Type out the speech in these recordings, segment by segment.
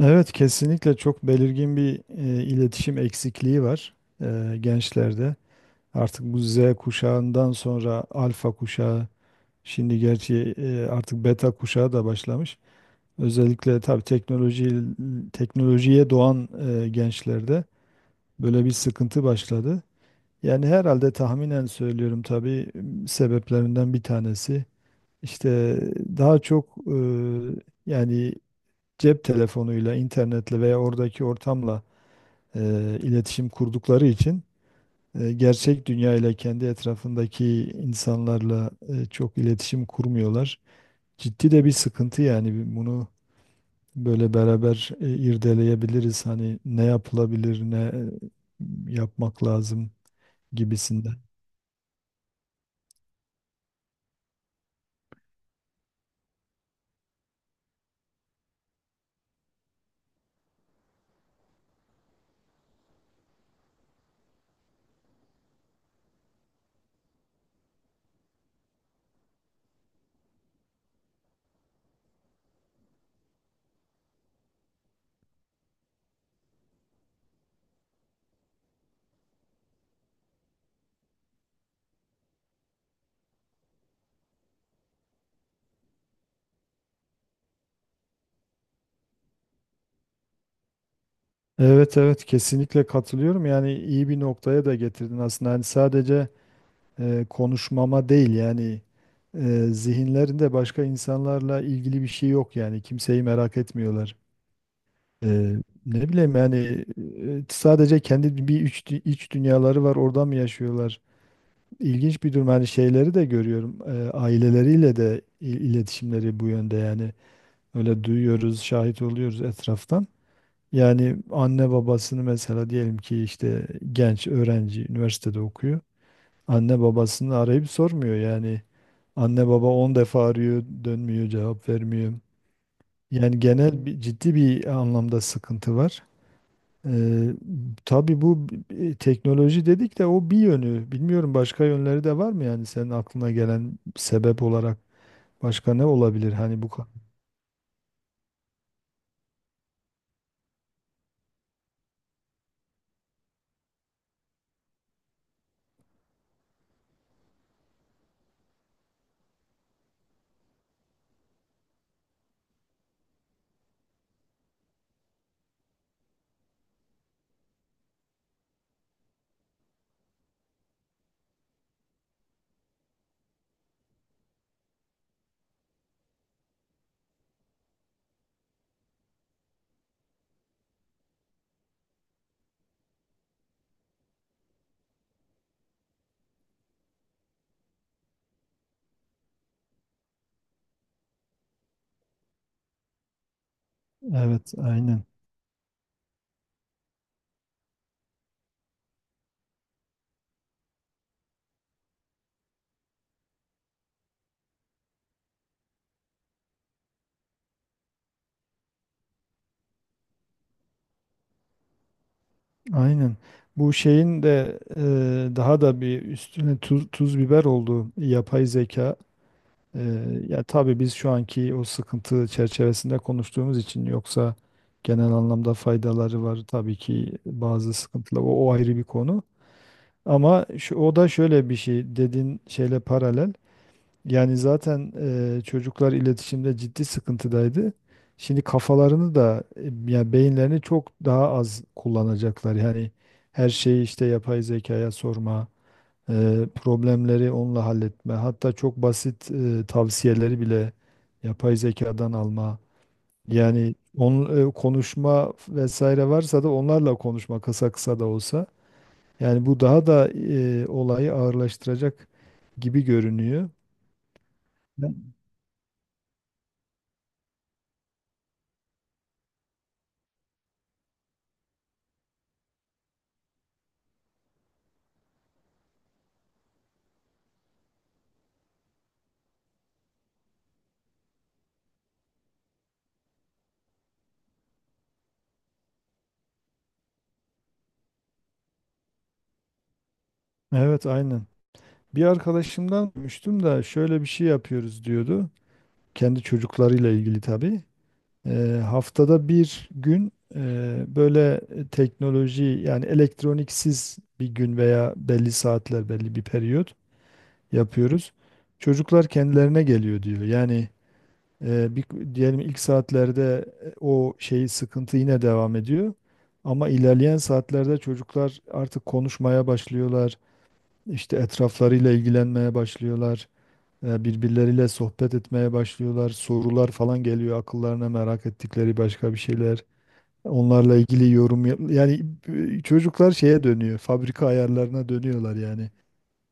Evet, kesinlikle çok belirgin bir iletişim eksikliği var gençlerde. Artık bu Z kuşağından sonra alfa kuşağı, şimdi gerçi artık beta kuşağı da başlamış. Özellikle tabii teknolojiye doğan gençlerde böyle bir sıkıntı başladı. Yani herhalde tahminen söylüyorum tabii sebeplerinden bir tanesi işte daha çok yani cep telefonuyla, internetle veya oradaki ortamla e, iletişim kurdukları için gerçek dünya ile kendi etrafındaki insanlarla çok iletişim kurmuyorlar. Ciddi de bir sıkıntı yani bunu böyle beraber irdeleyebiliriz. Hani ne yapılabilir, ne yapmak lazım gibisinden. Evet evet, kesinlikle katılıyorum. Yani iyi bir noktaya da getirdin aslında. Hani sadece konuşmama değil yani zihinlerinde başka insanlarla ilgili bir şey yok, yani kimseyi merak etmiyorlar. Ee, Ne bileyim, yani sadece kendi iç dünyaları var, orada mı yaşıyorlar? İlginç bir durum. Hani şeyleri de görüyorum. Aileleriyle de iletişimleri bu yönde yani. Öyle duyuyoruz, şahit oluyoruz etraftan. Yani anne babasını mesela diyelim ki işte genç öğrenci üniversitede okuyor. Anne babasını arayıp sormuyor yani. Anne baba 10 defa arıyor, dönmüyor, cevap vermiyor. Yani genel bir ciddi bir anlamda sıkıntı var. Ee, tabii bu teknoloji dedik de o bir yönü. Bilmiyorum başka yönleri de var mı, yani senin aklına gelen sebep olarak başka ne olabilir hani Evet, aynen. Aynen. Bu şeyin de daha da bir üstüne tuz, biber olduğu yapay zeka. E, Ya tabii biz şu anki o sıkıntı çerçevesinde konuştuğumuz için, yoksa genel anlamda faydaları var tabii ki. Bazı sıkıntılar o o ayrı bir konu. Ama şu, o da şöyle bir şey, dediğin şeyle paralel. Yani zaten çocuklar iletişimde ciddi sıkıntıdaydı. Şimdi kafalarını da yani beyinlerini çok daha az kullanacaklar. Yani her şeyi işte yapay zekaya sorma, problemleri onunla halletme, hatta çok basit tavsiyeleri bile yapay zekadan alma. Yani onun konuşma vesaire varsa da onlarla konuşma, kısa kısa da olsa. Yani bu daha da olayı ağırlaştıracak gibi görünüyor. Ben- Evet, aynen. Bir arkadaşımdan duymuştum da şöyle bir şey yapıyoruz diyordu. Kendi çocuklarıyla ilgili tabii. Haftada bir gün böyle teknoloji, yani elektroniksiz bir gün veya belli saatler, belli bir periyot yapıyoruz. Çocuklar kendilerine geliyor diyor. Yani Eee, bir, diyelim ilk saatlerde o şey sıkıntı yine devam ediyor. Ama ilerleyen saatlerde çocuklar artık konuşmaya başlıyorlar. İşte etraflarıyla ilgilenmeye başlıyorlar. Birbirleriyle sohbet etmeye başlıyorlar. Sorular falan geliyor akıllarına, merak ettikleri başka bir şeyler. Onlarla ilgili yani çocuklar şeye dönüyor. Fabrika ayarlarına dönüyorlar yani.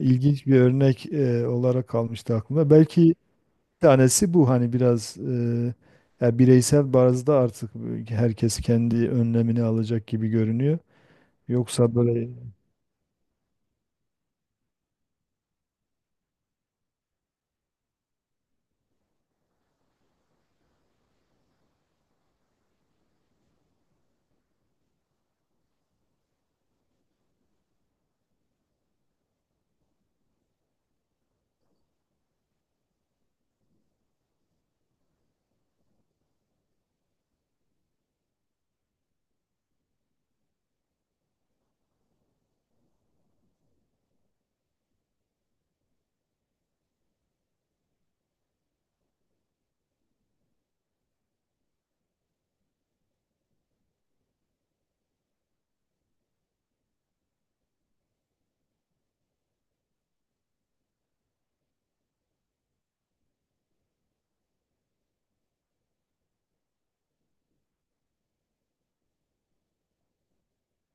İlginç bir örnek olarak kalmıştı aklımda. Belki tanesi bu, hani biraz ya bireysel bazda artık herkes kendi önlemini alacak gibi görünüyor. Yoksa böyle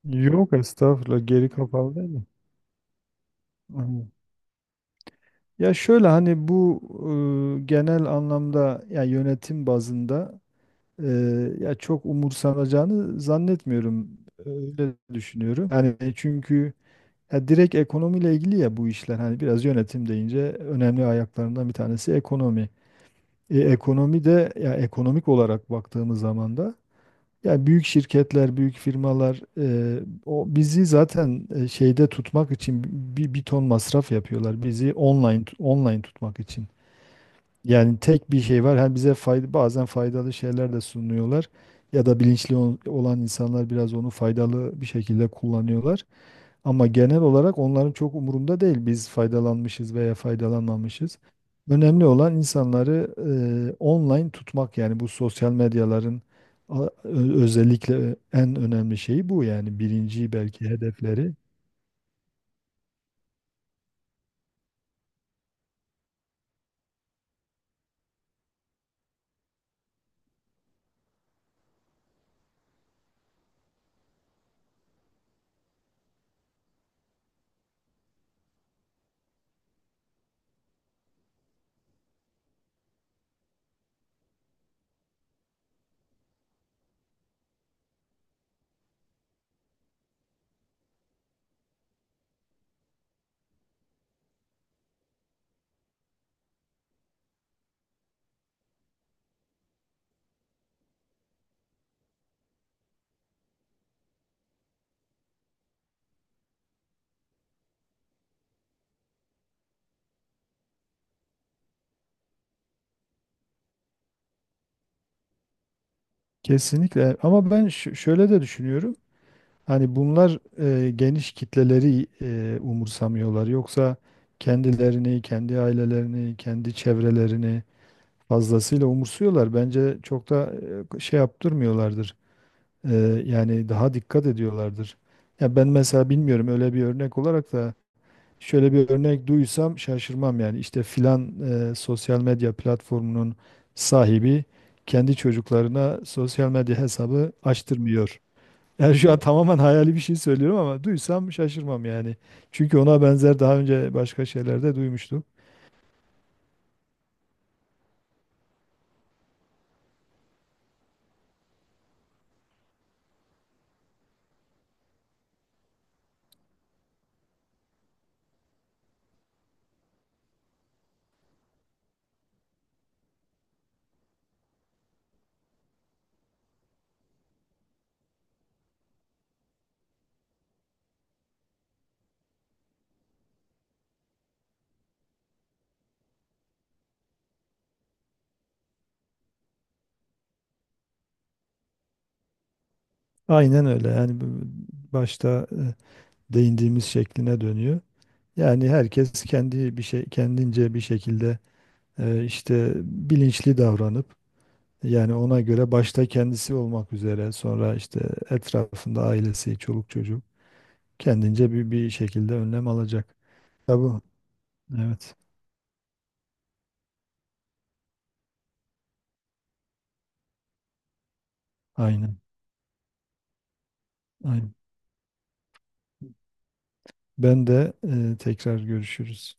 yok estağfurullah, geri kapalı değil mi? Aynen. Ya şöyle hani bu genel anlamda ya yönetim bazında e, ya çok umursanacağını zannetmiyorum. Öyle düşünüyorum. Yani çünkü ya direkt ekonomiyle ilgili ya bu işler, hani biraz yönetim deyince önemli ayaklarından bir tanesi ekonomi. E, ekonomi de ya ekonomik olarak baktığımız zaman da ya büyük şirketler, büyük firmalar o bizi zaten şeyde tutmak için bir ton masraf yapıyorlar. Bizi online tutmak için. Yani tek bir şey var. Hem bize fayda, bazen faydalı şeyler de sunuyorlar ya da olan insanlar biraz onu faydalı bir şekilde kullanıyorlar. Ama genel olarak onların çok umurunda değil biz faydalanmışız veya faydalanmamışız. Önemli olan insanları online tutmak, yani bu sosyal medyaların özellikle en önemli şeyi bu, yani birinci belki hedefleri. Kesinlikle, ama ben şöyle de düşünüyorum. Hani bunlar geniş kitleleri umursamıyorlar. Yoksa kendilerini, kendi ailelerini, kendi çevrelerini fazlasıyla umursuyorlar. Bence çok da şey yaptırmıyorlardır. Yani daha dikkat ediyorlardır. Ya ben mesela bilmiyorum, öyle bir örnek olarak da şöyle bir örnek duysam şaşırmam yani, işte filan sosyal medya platformunun sahibi kendi çocuklarına sosyal medya hesabı açtırmıyor. Yani şu an tamamen hayali bir şey söylüyorum ama duysam şaşırmam yani. Çünkü ona benzer daha önce başka şeylerde duymuştum. Aynen öyle yani başta değindiğimiz şekline dönüyor. Yani herkes kendi bir şey, kendince bir şekilde işte bilinçli davranıp, yani ona göre başta kendisi olmak üzere sonra işte etrafında ailesi, çoluk çocuk kendince bir şekilde önlem alacak. Tabii. Evet. Aynen. Aynen. Ben de tekrar görüşürüz.